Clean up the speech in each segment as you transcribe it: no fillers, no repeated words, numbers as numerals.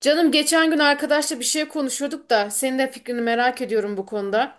Canım geçen gün arkadaşla bir şey konuşuyorduk da senin de fikrini merak ediyorum bu konuda.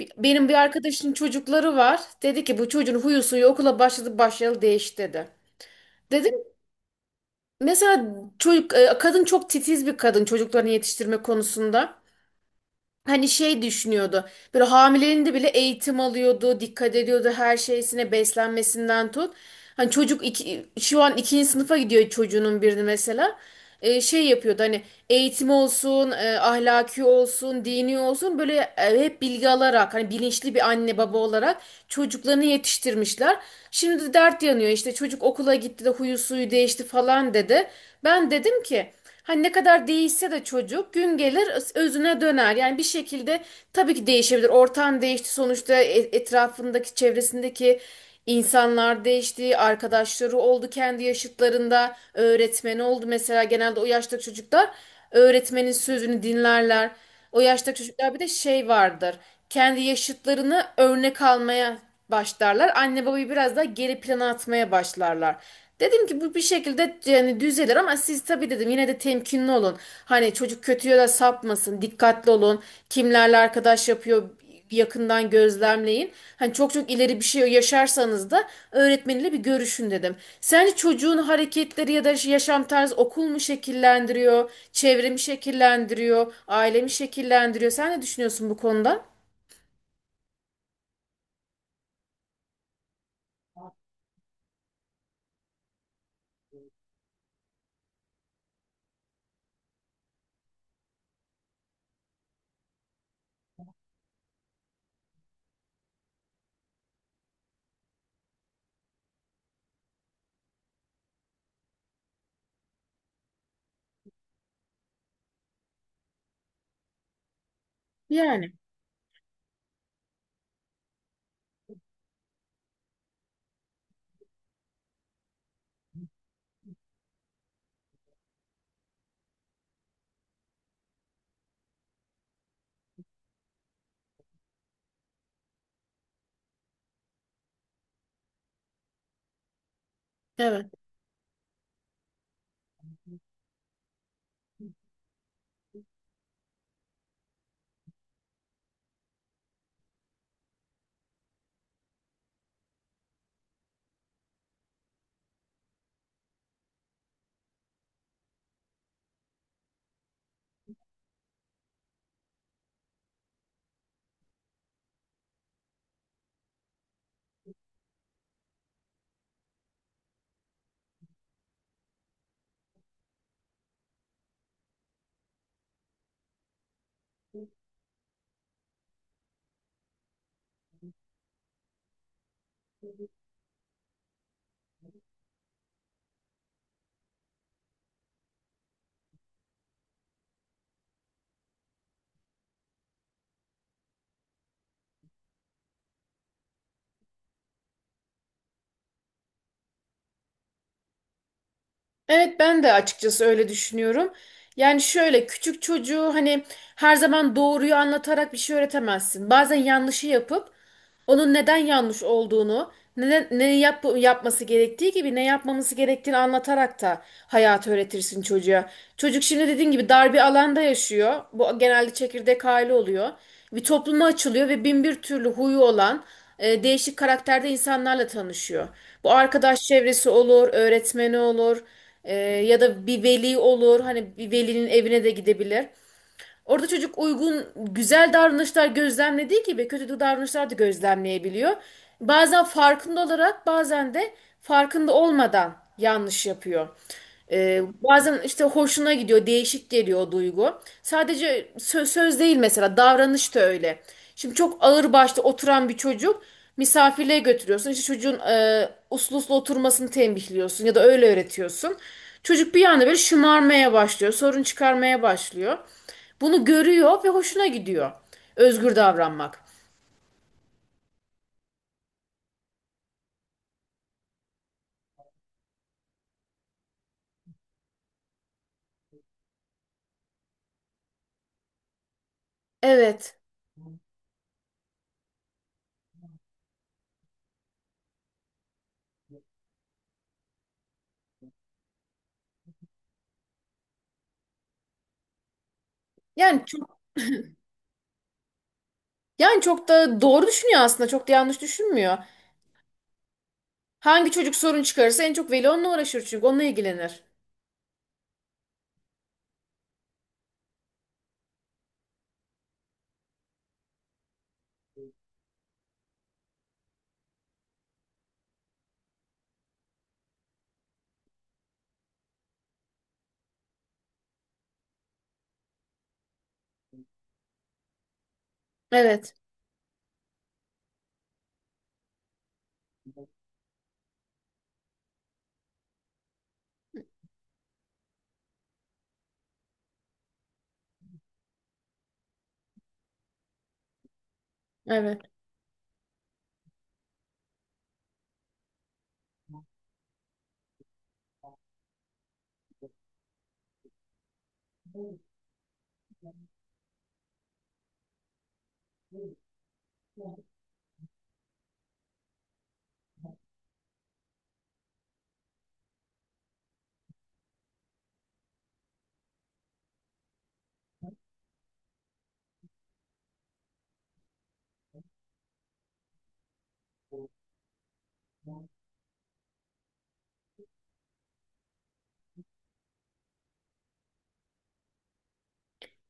Benim bir arkadaşın çocukları var. Dedi ki bu çocuğun huyu suyu okula başladı başlayalı değişti dedi. Dedim mesela çocuk kadın çok titiz bir kadın çocuklarını yetiştirme konusunda. Hani şey düşünüyordu. Böyle hamileliğinde bile eğitim alıyordu, dikkat ediyordu her şeysine, beslenmesinden tut. Hani çocuk şu an ikinci sınıfa gidiyor çocuğunun birini mesela. Şey yapıyordu hani eğitim olsun, ahlaki olsun, dini olsun böyle hep bilgi alarak hani bilinçli bir anne baba olarak çocuklarını yetiştirmişler. Şimdi de dert yanıyor işte çocuk okula gitti de huyu suyu değişti falan dedi. Ben dedim ki hani ne kadar değişse de çocuk gün gelir özüne döner. Yani bir şekilde tabii ki değişebilir. Ortam değişti sonuçta etrafındaki çevresindeki insanlar değişti. Arkadaşları oldu kendi yaşıtlarında. Öğretmeni oldu mesela genelde o yaştaki çocuklar öğretmenin sözünü dinlerler. O yaştaki çocuklar bir de şey vardır. Kendi yaşıtlarını örnek almaya başlarlar. Anne babayı biraz daha geri plana atmaya başlarlar. Dedim ki bu bir şekilde yani düzelir ama siz tabii dedim yine de temkinli olun. Hani çocuk kötü yola sapmasın, dikkatli olun. Kimlerle arkadaş yapıyor, yakından gözlemleyin. Hani çok çok ileri bir şey yaşarsanız da öğretmeniyle bir görüşün dedim. Sence çocuğun hareketleri ya da yaşam tarzı okul mu şekillendiriyor, çevre mi şekillendiriyor, aile mi şekillendiriyor? Sen ne düşünüyorsun bu konuda? Yani evet. Evet, ben de açıkçası öyle düşünüyorum. Yani şöyle küçük çocuğu hani her zaman doğruyu anlatarak bir şey öğretemezsin. Bazen yanlışı yapıp onun neden yanlış olduğunu, yapması gerektiği gibi ne yapmaması gerektiğini anlatarak da hayatı öğretirsin çocuğa. Çocuk şimdi dediğin gibi dar bir alanda yaşıyor. Bu genelde çekirdek aile oluyor. Bir topluma açılıyor ve bin bir türlü huyu olan değişik karakterde insanlarla tanışıyor. Bu arkadaş çevresi olur, öğretmeni olur, ya da bir veli olur. Hani bir velinin evine de gidebilir. Orada çocuk uygun, güzel davranışlar gözlemlediği gibi kötü davranışlar da gözlemleyebiliyor. Bazen farkında olarak, bazen de farkında olmadan yanlış yapıyor. Bazen işte hoşuna gidiyor, değişik geliyor o duygu. Sadece söz değil mesela, davranış da öyle. Şimdi çok ağır başta oturan bir çocuk misafirliğe götürüyorsun. İşte çocuğun uslu uslu oturmasını tembihliyorsun ya da öyle öğretiyorsun. Çocuk bir anda böyle şımarmaya başlıyor, sorun çıkarmaya başlıyor. Bunu görüyor ve hoşuna gidiyor. Özgür davranmak. Evet. Yani çok Yani çok da doğru düşünüyor aslında. Çok da yanlış düşünmüyor. Hangi çocuk sorun çıkarırsa en çok veli onunla uğraşır çünkü onunla ilgilenir. Evet, evet.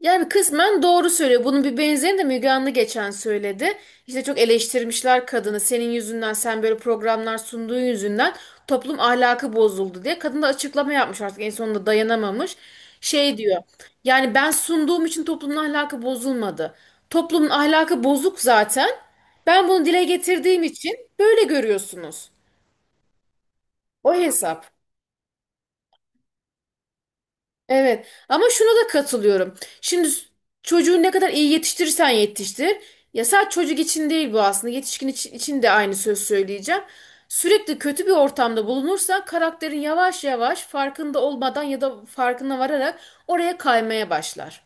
Yani kısmen doğru söylüyor. Bunun bir benzerini de Müge Anlı geçen söyledi. İşte çok eleştirmişler kadını. Senin yüzünden, sen böyle programlar sunduğun yüzünden toplum ahlakı bozuldu diye. Kadın da açıklama yapmış artık en sonunda dayanamamış. Şey diyor. Yani ben sunduğum için toplumun ahlakı bozulmadı. Toplumun ahlakı bozuk zaten. Ben bunu dile getirdiğim için böyle görüyorsunuz. O hesap. Evet ama şuna da katılıyorum. Şimdi çocuğu ne kadar iyi yetiştirirsen yetiştir. Ya sadece çocuk için değil bu aslında. Yetişkin için de aynı söz söyleyeceğim. Sürekli kötü bir ortamda bulunursan karakterin yavaş yavaş farkında olmadan ya da farkına vararak oraya kaymaya başlar.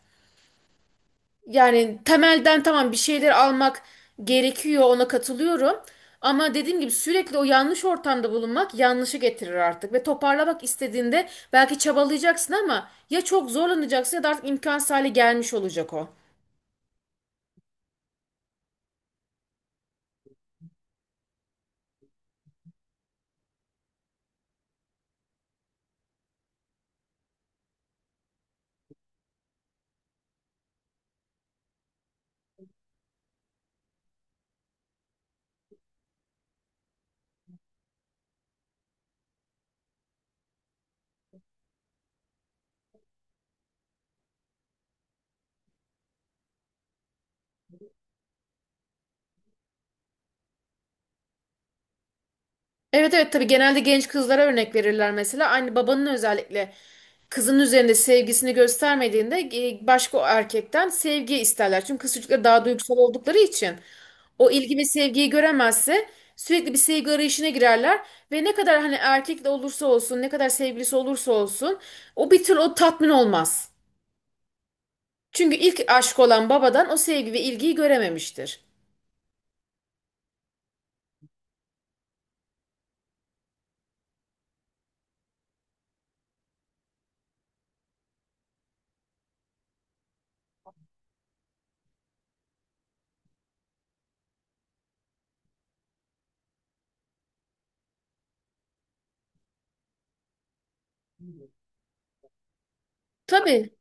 Yani temelden tamam bir şeyler almak gerekiyor, ona katılıyorum. Ama dediğim gibi sürekli o yanlış ortamda bulunmak yanlışı getirir artık. Ve toparlamak istediğinde belki çabalayacaksın ama ya çok zorlanacaksın ya da artık imkansız hale gelmiş olacak o. Evet, evet, tabii genelde genç kızlara örnek verirler mesela. Aynı babanın özellikle kızın üzerinde sevgisini göstermediğinde başka o erkekten sevgi isterler. Çünkü kız çocukları daha duygusal oldukları için o ilgi ve sevgiyi göremezse sürekli bir sevgi arayışına girerler ve ne kadar hani erkek de olursa olsun, ne kadar sevgilisi olursa olsun o bir türlü o tatmin olmaz. Çünkü ilk aşk olan babadan o sevgi ve ilgiyi görememiştir. Tabii.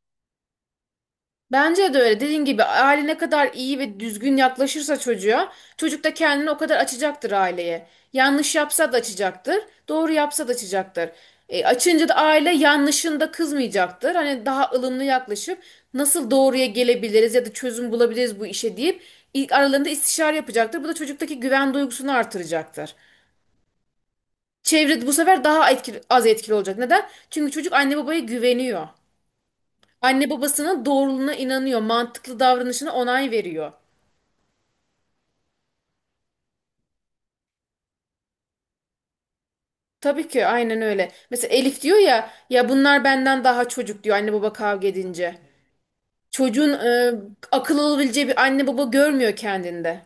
Bence de öyle. Dediğin gibi aile ne kadar iyi ve düzgün yaklaşırsa çocuğa, çocuk da kendini o kadar açacaktır aileye. Yanlış yapsa da açacaktır, doğru yapsa da açacaktır. Açınca da aile yanlışında kızmayacaktır. Hani daha ılımlı yaklaşıp nasıl doğruya gelebiliriz ya da çözüm bulabiliriz bu işe deyip ilk aralarında istişare yapacaktır. Bu da çocuktaki güven duygusunu artıracaktır. Çevre bu sefer daha etkili, az etkili olacak. Neden? Çünkü çocuk anne babaya güveniyor. Anne babasının doğruluğuna inanıyor. Mantıklı davranışına onay veriyor. Tabii ki aynen öyle. Mesela Elif diyor ya ya bunlar benden daha çocuk diyor anne baba kavga edince. Çocuğun akıl olabileceği bir anne baba görmüyor kendinde.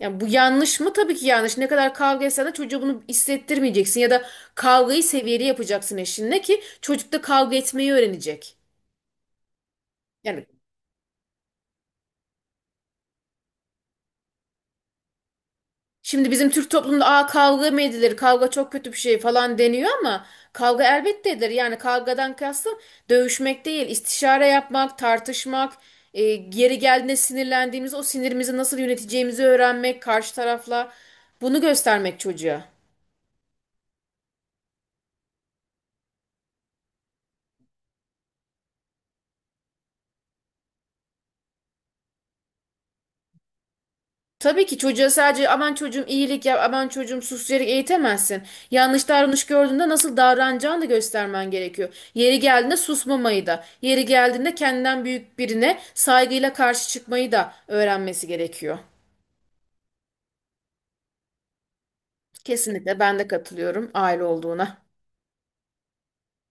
Yani bu yanlış mı? Tabii ki yanlış. Ne kadar kavga etsen de çocuğa bunu hissettirmeyeceksin ya da kavgayı seviyeli yapacaksın eşinle ki çocuk da kavga etmeyi öğrenecek. Yani şimdi bizim Türk toplumunda aa kavga mı edilir? Kavga çok kötü bir şey falan deniyor ama kavga elbette edilir. Yani kavgadan kastım dövüşmek değil, istişare yapmak, tartışmak, e, yeri geldiğinde sinirlendiğimiz o sinirimizi nasıl yöneteceğimizi öğrenmek karşı tarafla bunu göstermek çocuğa. Tabii ki çocuğa sadece aman çocuğum iyilik yap, aman çocuğum sus diyerek eğitemezsin. Yanlış davranış gördüğünde nasıl davranacağını da göstermen gerekiyor. Yeri geldiğinde susmamayı da, yeri geldiğinde kendinden büyük birine saygıyla karşı çıkmayı da öğrenmesi gerekiyor. Kesinlikle ben de katılıyorum aile olduğuna.